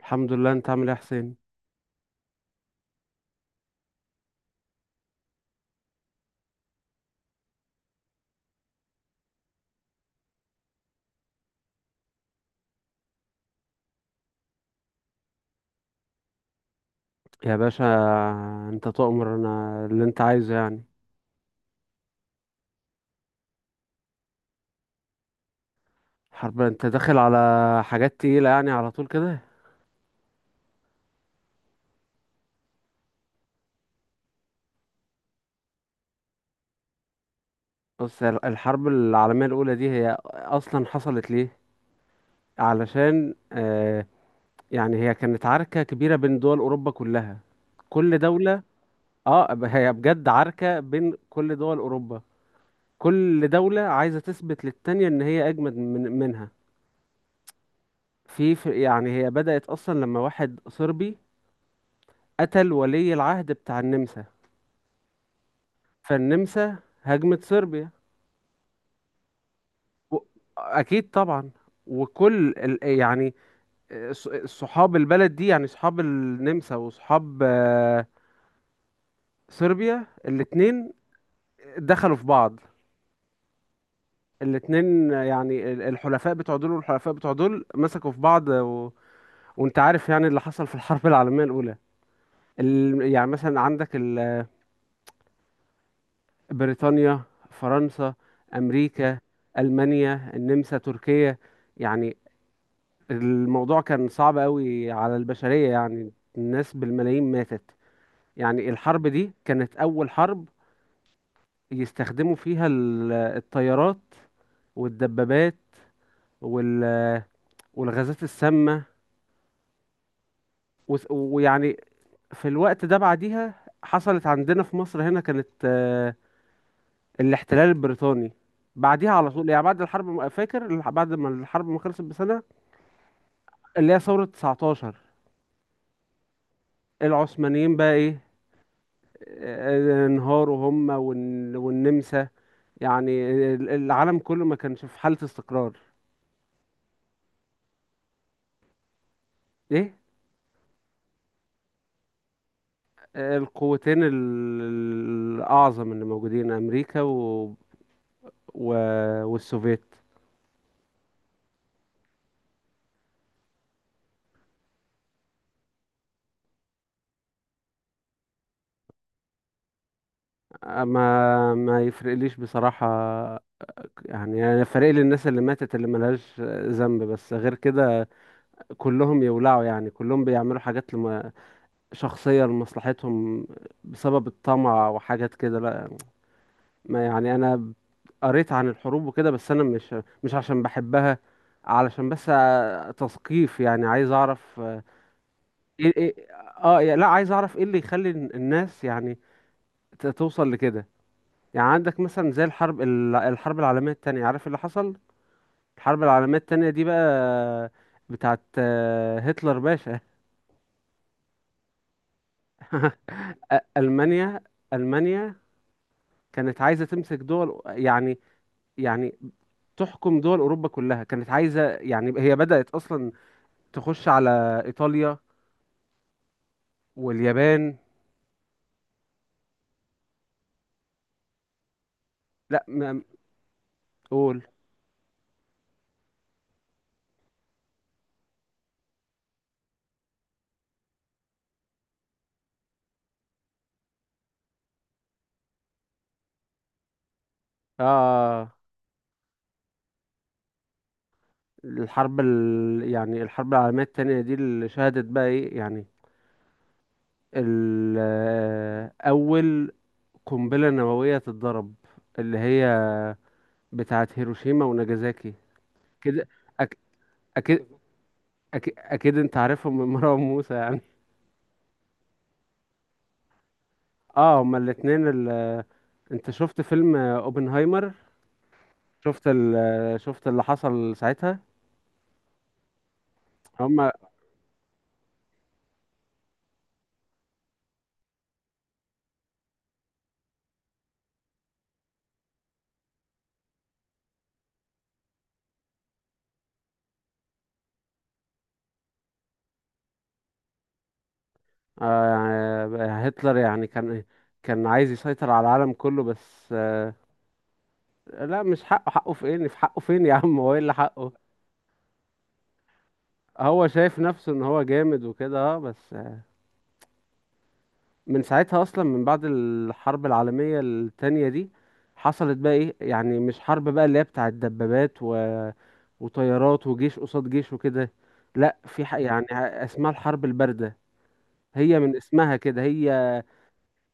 الحمد لله، انت عامل ايه يا حسين؟ يا باشا. انت تؤمر، انا اللي انت عايزه يعني. حرب؟ انت داخل على حاجات تقيلة يعني على طول كده. بص، الحرب العالمية الأولى دي هي أصلا حصلت ليه؟ علشان يعني هي كانت عركة كبيرة بين دول أوروبا كلها. كل دولة، هي بجد عركة بين كل دول أوروبا. كل دولة عايزة تثبت للتانية إن هي أجمد منها. يعني هي بدأت أصلا لما واحد صربي قتل ولي العهد بتاع النمسا. فالنمسا هاجمت صربيا و... اكيد طبعا. وكل يعني صحاب البلد دي، يعني صحاب النمسا وصحاب صربيا، الاتنين دخلوا في بعض. الاتنين يعني الحلفاء بتوع دول والحلفاء بتوع دول مسكوا في بعض. وانت عارف يعني اللي حصل في الحرب العالمية الأولى. يعني مثلا عندك بريطانيا، فرنسا، أمريكا، ألمانيا، النمسا، تركيا، يعني الموضوع كان صعب قوي على البشرية، يعني الناس بالملايين ماتت. يعني الحرب دي كانت أول حرب يستخدموا فيها الطيارات والدبابات وال- والغازات السامة. ويعني في الوقت ده بعديها حصلت عندنا في مصر. هنا كانت الاحتلال البريطاني. بعديها على طول، يعني بعد ما الحرب ما خلصت بسنة، اللي هي ثورة 19. العثمانيين بقى ايه، انهاروا هم والنمسا. يعني العالم كله ما كانش في حالة استقرار. ايه؟ القوتين الأعظم اللي موجودين أمريكا و... والسوفيت. ما ما يفرقليش بصراحة. يعني أنا فارق لي الناس اللي ماتت، اللي ملهاش ذنب، بس غير كده كلهم يولعوا. يعني كلهم بيعملوا حاجات لما شخصية لمصلحتهم، بسبب الطمع وحاجات كده، لا. ما يعني انا قريت عن الحروب وكده، بس انا مش عشان بحبها. علشان بس تثقيف، يعني عايز اعرف. ايه، ايه، لا، عايز اعرف ايه اللي يخلي الناس يعني توصل لكده. يعني عندك مثلا زي الحرب العالمية التانية، عارف اللي حصل. الحرب العالمية التانية دي بقى بتاعت هتلر باشا. ألمانيا. ألمانيا كانت عايزة تمسك دول، يعني يعني تحكم دول أوروبا كلها، كانت عايزة يعني هي بدأت أصلا تخش على ايطاليا واليابان. لا، قول. اه. يعني الحرب العالميه التانية دي اللي شهدت بقى ايه، يعني ال... آه، اول قنبله نوويه تتضرب، اللي هي بتاعه هيروشيما وناجازاكي كده أك... اكيد أكيد أكيد أنت عارفهم من مروان موسى يعني. اه هما الاتنين. أنت شفت فيلم أوبنهايمر؟ شفت ال... شفت اللي حصل ساعتها؟ هم. يعني هتلر يعني كان عايز يسيطر على العالم كله بس. لا مش حقه، حقه فين، في حقه فين يا عم؟ هو ايه اللي حقه؟ هو شايف نفسه ان هو جامد وكده بس. من ساعتها اصلا، من بعد الحرب العالمية التانية دي حصلت بقى ايه، يعني مش حرب بقى اللي هي بتاعة دبابات وطيارات وجيش قصاد جيش وكده، لا. يعني اسمها الحرب الباردة. هي من اسمها كده، هي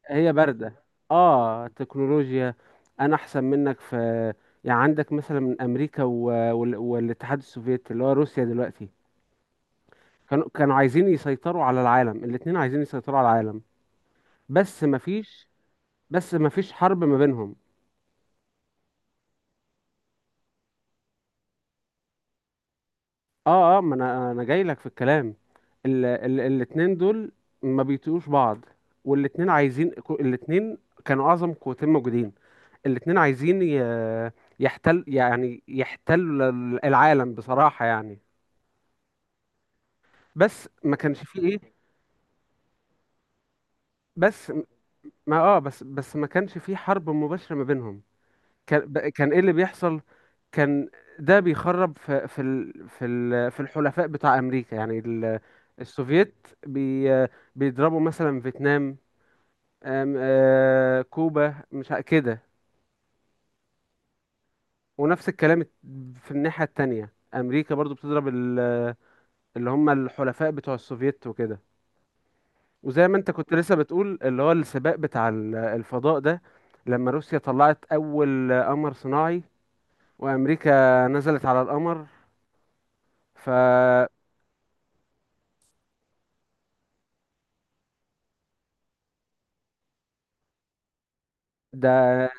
هي باردة. اه، تكنولوجيا، انا احسن منك في. يعني عندك مثلا من امريكا والاتحاد السوفيتي اللي هو روسيا دلوقتي. كانوا عايزين يسيطروا على العالم، الاتنين عايزين يسيطروا على العالم. بس مفيش بس مفيش حرب ما بينهم. اه ما انا جاي لك في الكلام. الاتنين دول ما بيطيقوش بعض، والاتنين عايزين، الاتنين كانوا اعظم قوتين موجودين. الاتنين عايزين يحتل، يعني يحتل العالم بصراحة يعني. بس ما كانش فيه ايه. بس بس ما كانش فيه حرب مباشرة ما بينهم. كان ايه اللي بيحصل؟ كان ده بيخرب في الحلفاء بتاع امريكا، يعني السوفييت بيضربوا مثلا فيتنام، آم، آه، كوبا مش كده. ونفس الكلام، في الناحية التانية امريكا برضو بتضرب اللي هم الحلفاء بتوع السوفييت وكده. وزي ما انت كنت لسه بتقول اللي هو السباق بتاع الفضاء ده، لما روسيا طلعت اول قمر صناعي وامريكا نزلت على القمر. ف ده،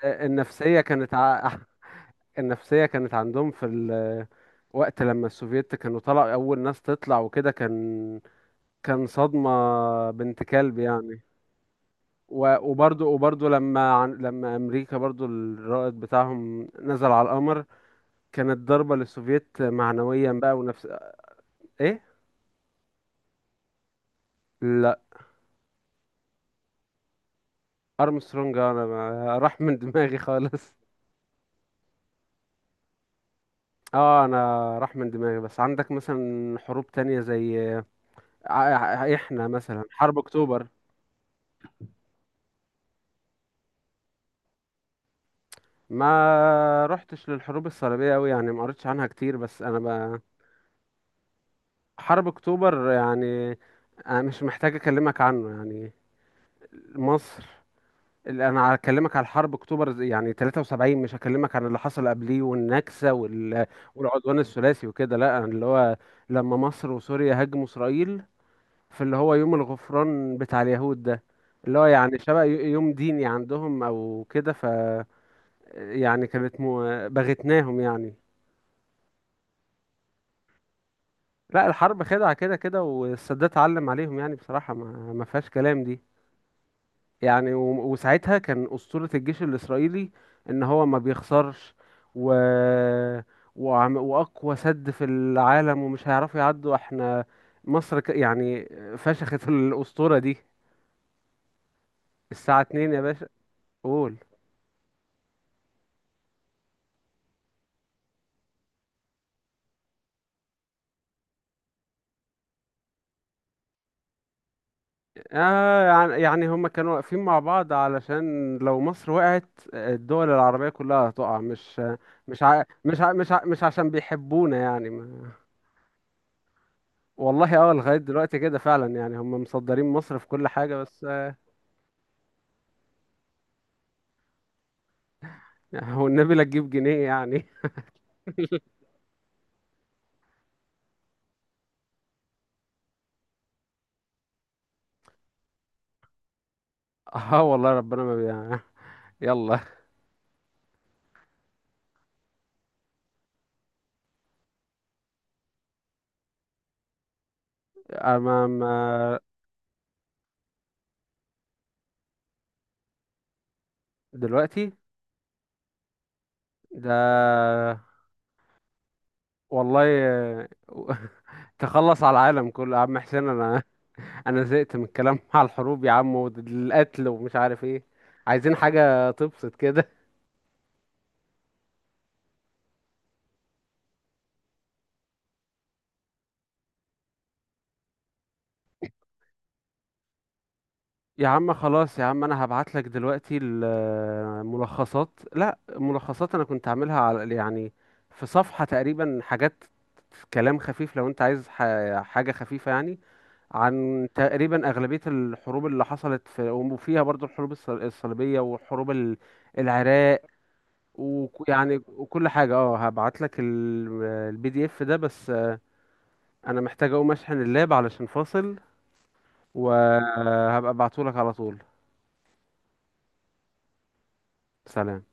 النفسية كانت. النفسية كانت عندهم في وقت لما السوفييت كانوا طلعوا اول ناس تطلع وكده، كان صدمة. بنت كلب يعني. وبرضو لما امريكا برضو الرائد بتاعهم نزل على القمر، كانت ضربة للسوفييت معنويا بقى ونفس ايه؟ لا، ارمسترونج انا راح من دماغي خالص. اه، انا راح من دماغي. بس عندك مثلا حروب تانية زي احنا مثلا حرب اكتوبر. ما رحتش للحروب الصليبية اوي، يعني ما قريتش عنها كتير. بس انا ب... حرب اكتوبر يعني، انا مش محتاج اكلمك عنه يعني. مصر، انا هكلمك على حرب اكتوبر يعني 73، مش هكلمك عن اللي حصل قبليه والنكسه. والعدوان الثلاثي وكده، لا أنا اللي هو لما مصر وسوريا هاجموا اسرائيل في اللي هو يوم الغفران بتاع اليهود ده. اللي هو يعني شبه يوم ديني عندهم او كده، ف يعني كانت بغتناهم يعني. لا الحرب خدعه كده كده، والسادات علم عليهم يعني بصراحه، ما فيهاش كلام دي. يعني وساعتها كان أسطورة الجيش الإسرائيلي إن هو ما بيخسرش و... وأقوى سد في العالم ومش هيعرفوا يعدوا. احنا مصر يعني فشخت الأسطورة دي. الساعة اتنين يا باشا. قول. يعني هما كانوا واقفين مع بعض علشان لو مصر وقعت الدول العربية كلها هتقع، مش عشان بيحبونا يعني ما... والله اه، لغاية دلوقتي كده فعلا، يعني هم مصدرين مصر في كل حاجة بس. هو النبي لا تجيب جنيه يعني. اه والله، ربنا ما. يلا. اما ما دلوقتي ده والله تخلص على العالم كله يا عم حسين. انا زهقت من الكلام على الحروب يا عم، والقتل ومش عارف ايه. عايزين حاجة تبسط كده. يا عم خلاص، يا عم انا هبعت لك دلوقتي الملخصات. لا، ملخصات انا كنت عاملها على يعني في صفحة تقريبا حاجات، كلام خفيف، لو انت عايز حاجة خفيفة يعني عن تقريبا أغلبية الحروب اللي حصلت، في وفيها برضو الحروب الصليبية وحروب العراق، ويعني وكل حاجة. اه هبعت لك البي دي اف ده بس. انا محتاج اقوم اشحن اللاب علشان فاصل، وهبقى ابعته لك على طول. سلام.